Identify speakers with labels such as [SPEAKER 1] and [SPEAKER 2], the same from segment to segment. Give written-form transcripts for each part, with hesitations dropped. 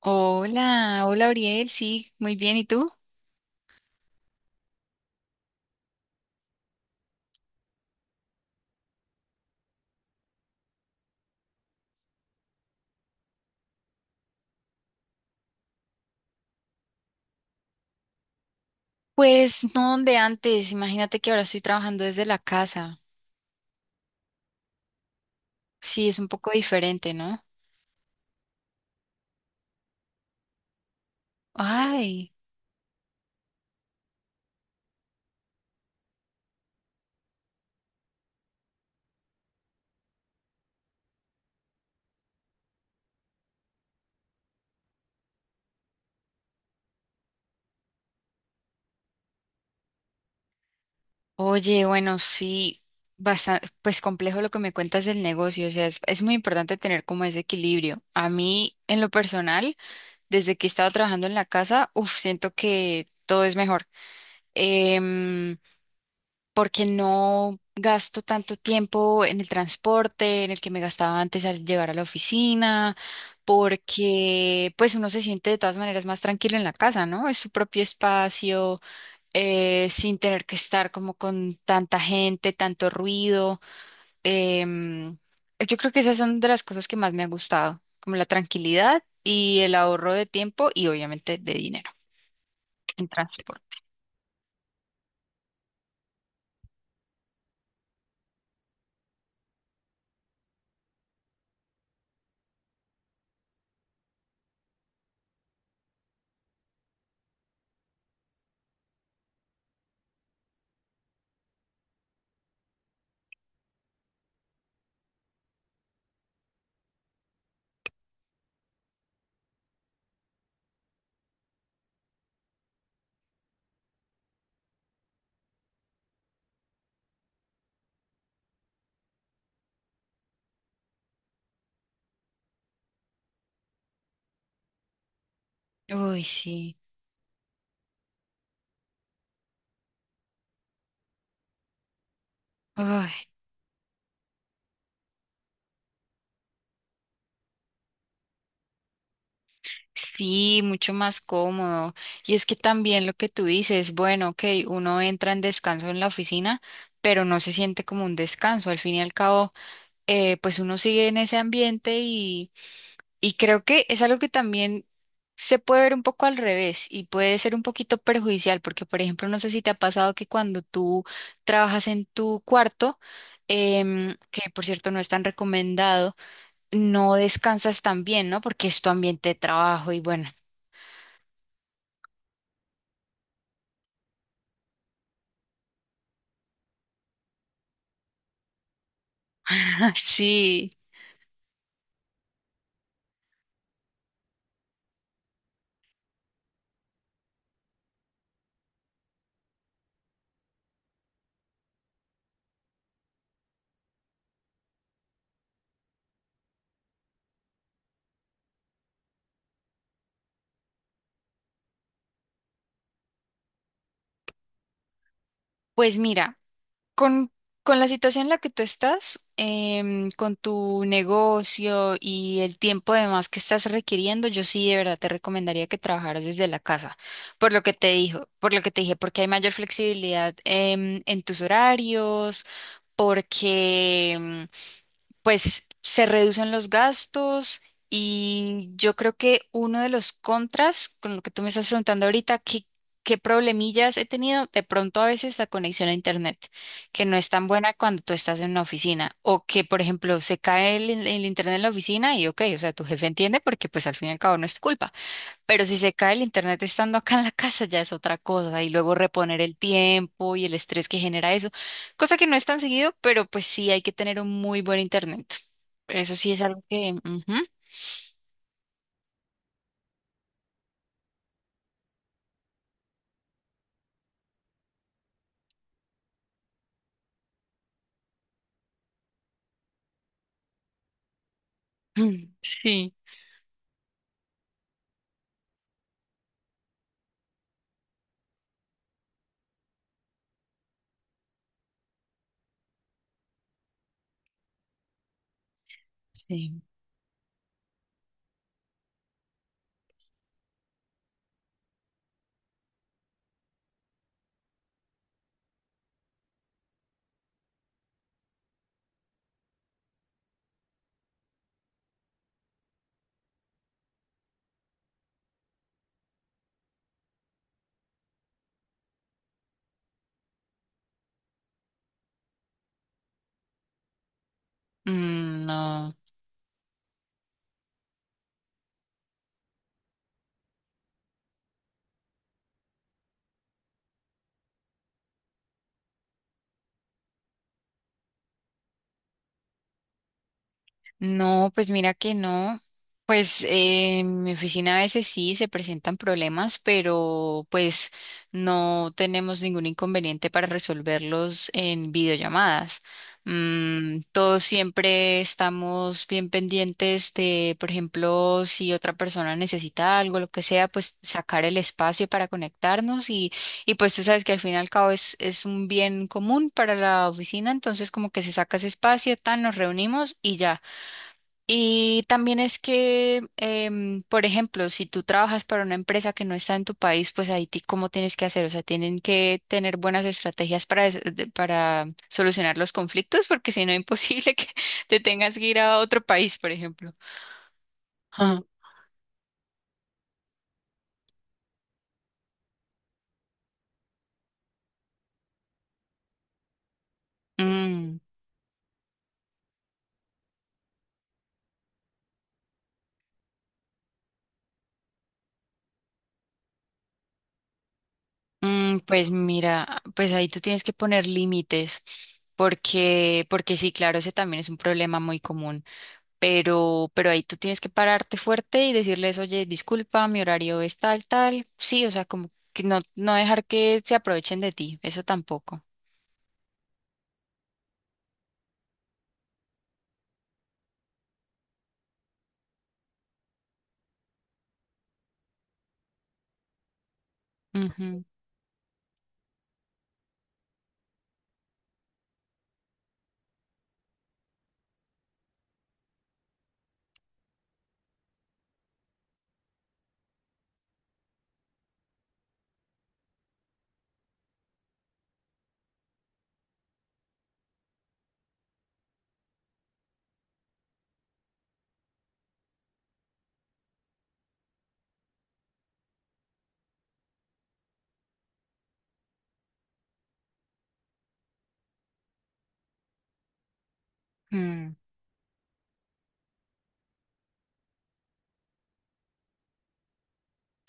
[SPEAKER 1] Hola, hola Ariel, sí, muy bien, ¿y tú? Pues no donde antes, imagínate que ahora estoy trabajando desde la casa. Sí, es un poco diferente, ¿no? Ay, oye, bueno, sí, bastante, pues complejo lo que me cuentas del negocio, o sea, es muy importante tener como ese equilibrio. A mí, en lo personal, desde que he estado trabajando en la casa, uf, siento que todo es mejor. Em, Porque no gasto tanto tiempo en el transporte, en el que me gastaba antes al llegar a la oficina, porque pues uno se siente de todas maneras más tranquilo en la casa, ¿no? Es su propio espacio, sin tener que estar como con tanta gente, tanto ruido. Em, yo creo que esas son de las cosas que más me ha gustado, como la tranquilidad y el ahorro de tiempo y obviamente de dinero en transporte. Uy, sí. Uy. Sí, mucho más cómodo. Y es que también lo que tú dices, bueno, ok, uno entra en descanso en la oficina, pero no se siente como un descanso. Al fin y al cabo, pues uno sigue en ese ambiente y creo que es algo que también se puede ver un poco al revés y puede ser un poquito perjudicial, porque por ejemplo, no sé si te ha pasado que cuando tú trabajas en tu cuarto, que por cierto no es tan recomendado, no descansas tan bien, ¿no? Porque es tu ambiente de trabajo y bueno. Sí, pues mira, con, con la situación en la que tú estás, con tu negocio y el tiempo además que estás requiriendo, yo sí de verdad te recomendaría que trabajaras desde la casa, por lo que te dijo, por lo que te dije, porque hay mayor flexibilidad en tus horarios, porque pues se reducen los gastos y yo creo que uno de los contras, con lo que tú me estás preguntando ahorita, ¿qué, qué problemillas he tenido? De pronto a veces la conexión a internet, que no es tan buena cuando tú estás en una oficina o que, por ejemplo, se cae el internet en la oficina y ok, o sea, tu jefe entiende porque pues al fin y al cabo no es tu culpa. Pero si se cae el internet estando acá en la casa ya es otra cosa y luego reponer el tiempo y el estrés que genera eso, cosa que no es tan seguido, pero pues sí hay que tener un muy buen internet. Eso sí es algo que ujú. Mm, sí, sí. Mm, no. No, pues mira que no. Pues en mi oficina a veces sí se presentan problemas, pero pues no tenemos ningún inconveniente para resolverlos en videollamadas. Mm, todos siempre estamos bien pendientes de, por ejemplo, si otra persona necesita algo, lo que sea, pues sacar el espacio para conectarnos y pues tú sabes que al fin y al cabo es un bien común para la oficina, entonces como que se saca ese espacio, tan nos reunimos y ya. Y también es que, por ejemplo, si tú trabajas para una empresa que no está en tu país, pues ahí cómo tienes que hacer, o sea, tienen que tener buenas estrategias para, para solucionar los conflictos, porque si no es imposible que te tengas que ir a otro país, por ejemplo. Ah. Mm, pues mira, pues ahí tú tienes que poner límites, porque sí, claro, ese también es un problema muy común. Pero ahí tú tienes que pararte fuerte y decirles, oye, disculpa, mi horario es tal, tal. Sí, o sea, como que no, no dejar que se aprovechen de ti, eso tampoco. Ujú. Mm.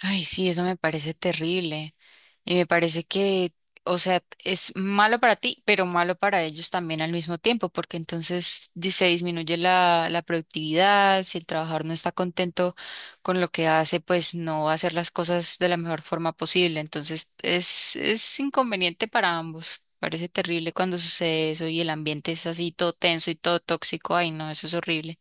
[SPEAKER 1] Ay, sí, eso me parece terrible. Y me parece que, o sea, es malo para ti, pero malo para ellos también al mismo tiempo, porque entonces se disminuye la productividad, si el trabajador no está contento con lo que hace, pues no va a hacer las cosas de la mejor forma posible. Entonces es inconveniente para ambos. Parece terrible cuando sucede eso y el ambiente es así todo tenso y todo tóxico. Ay, no, eso es horrible.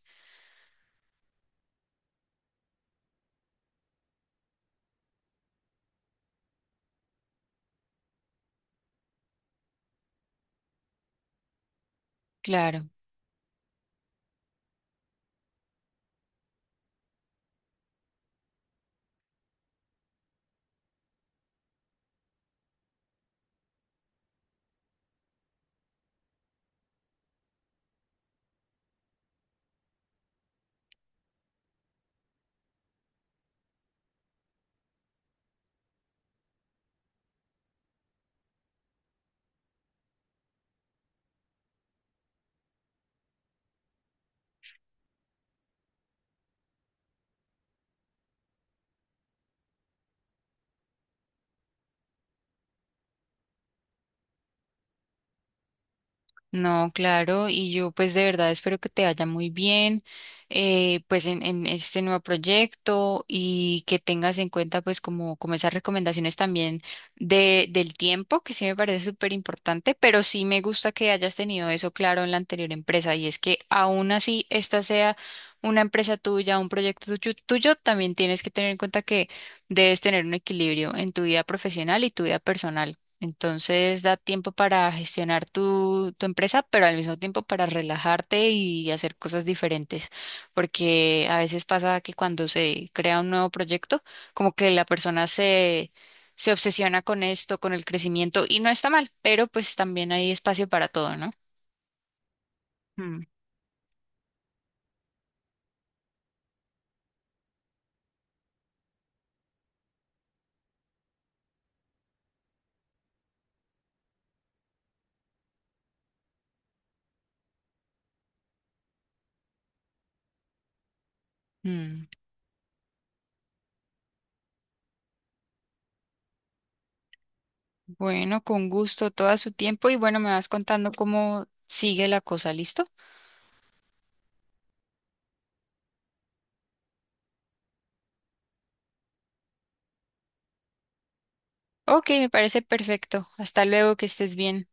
[SPEAKER 1] Claro. No, claro, y yo pues de verdad espero que te vaya muy bien pues en este nuevo proyecto y que tengas en cuenta pues como, como esas recomendaciones también de, del tiempo, que sí me parece súper importante, pero sí me gusta que hayas tenido eso claro en la anterior empresa y es que aún así esta sea una empresa tuya, un proyecto tuyo, tuyo, también tienes que tener en cuenta que debes tener un equilibrio en tu vida profesional y tu vida personal. Entonces da tiempo para gestionar tu empresa, pero al mismo tiempo para relajarte y hacer cosas diferentes, porque a veces pasa que cuando se crea un nuevo proyecto, como que la persona se obsesiona con esto, con el crecimiento, y no está mal, pero pues también hay espacio para todo, ¿no? Mm. Mm. Bueno, con gusto, todo su tiempo, y bueno, me vas contando cómo sigue la cosa, ¿listo? Ok, me parece perfecto. Hasta luego, que estés bien.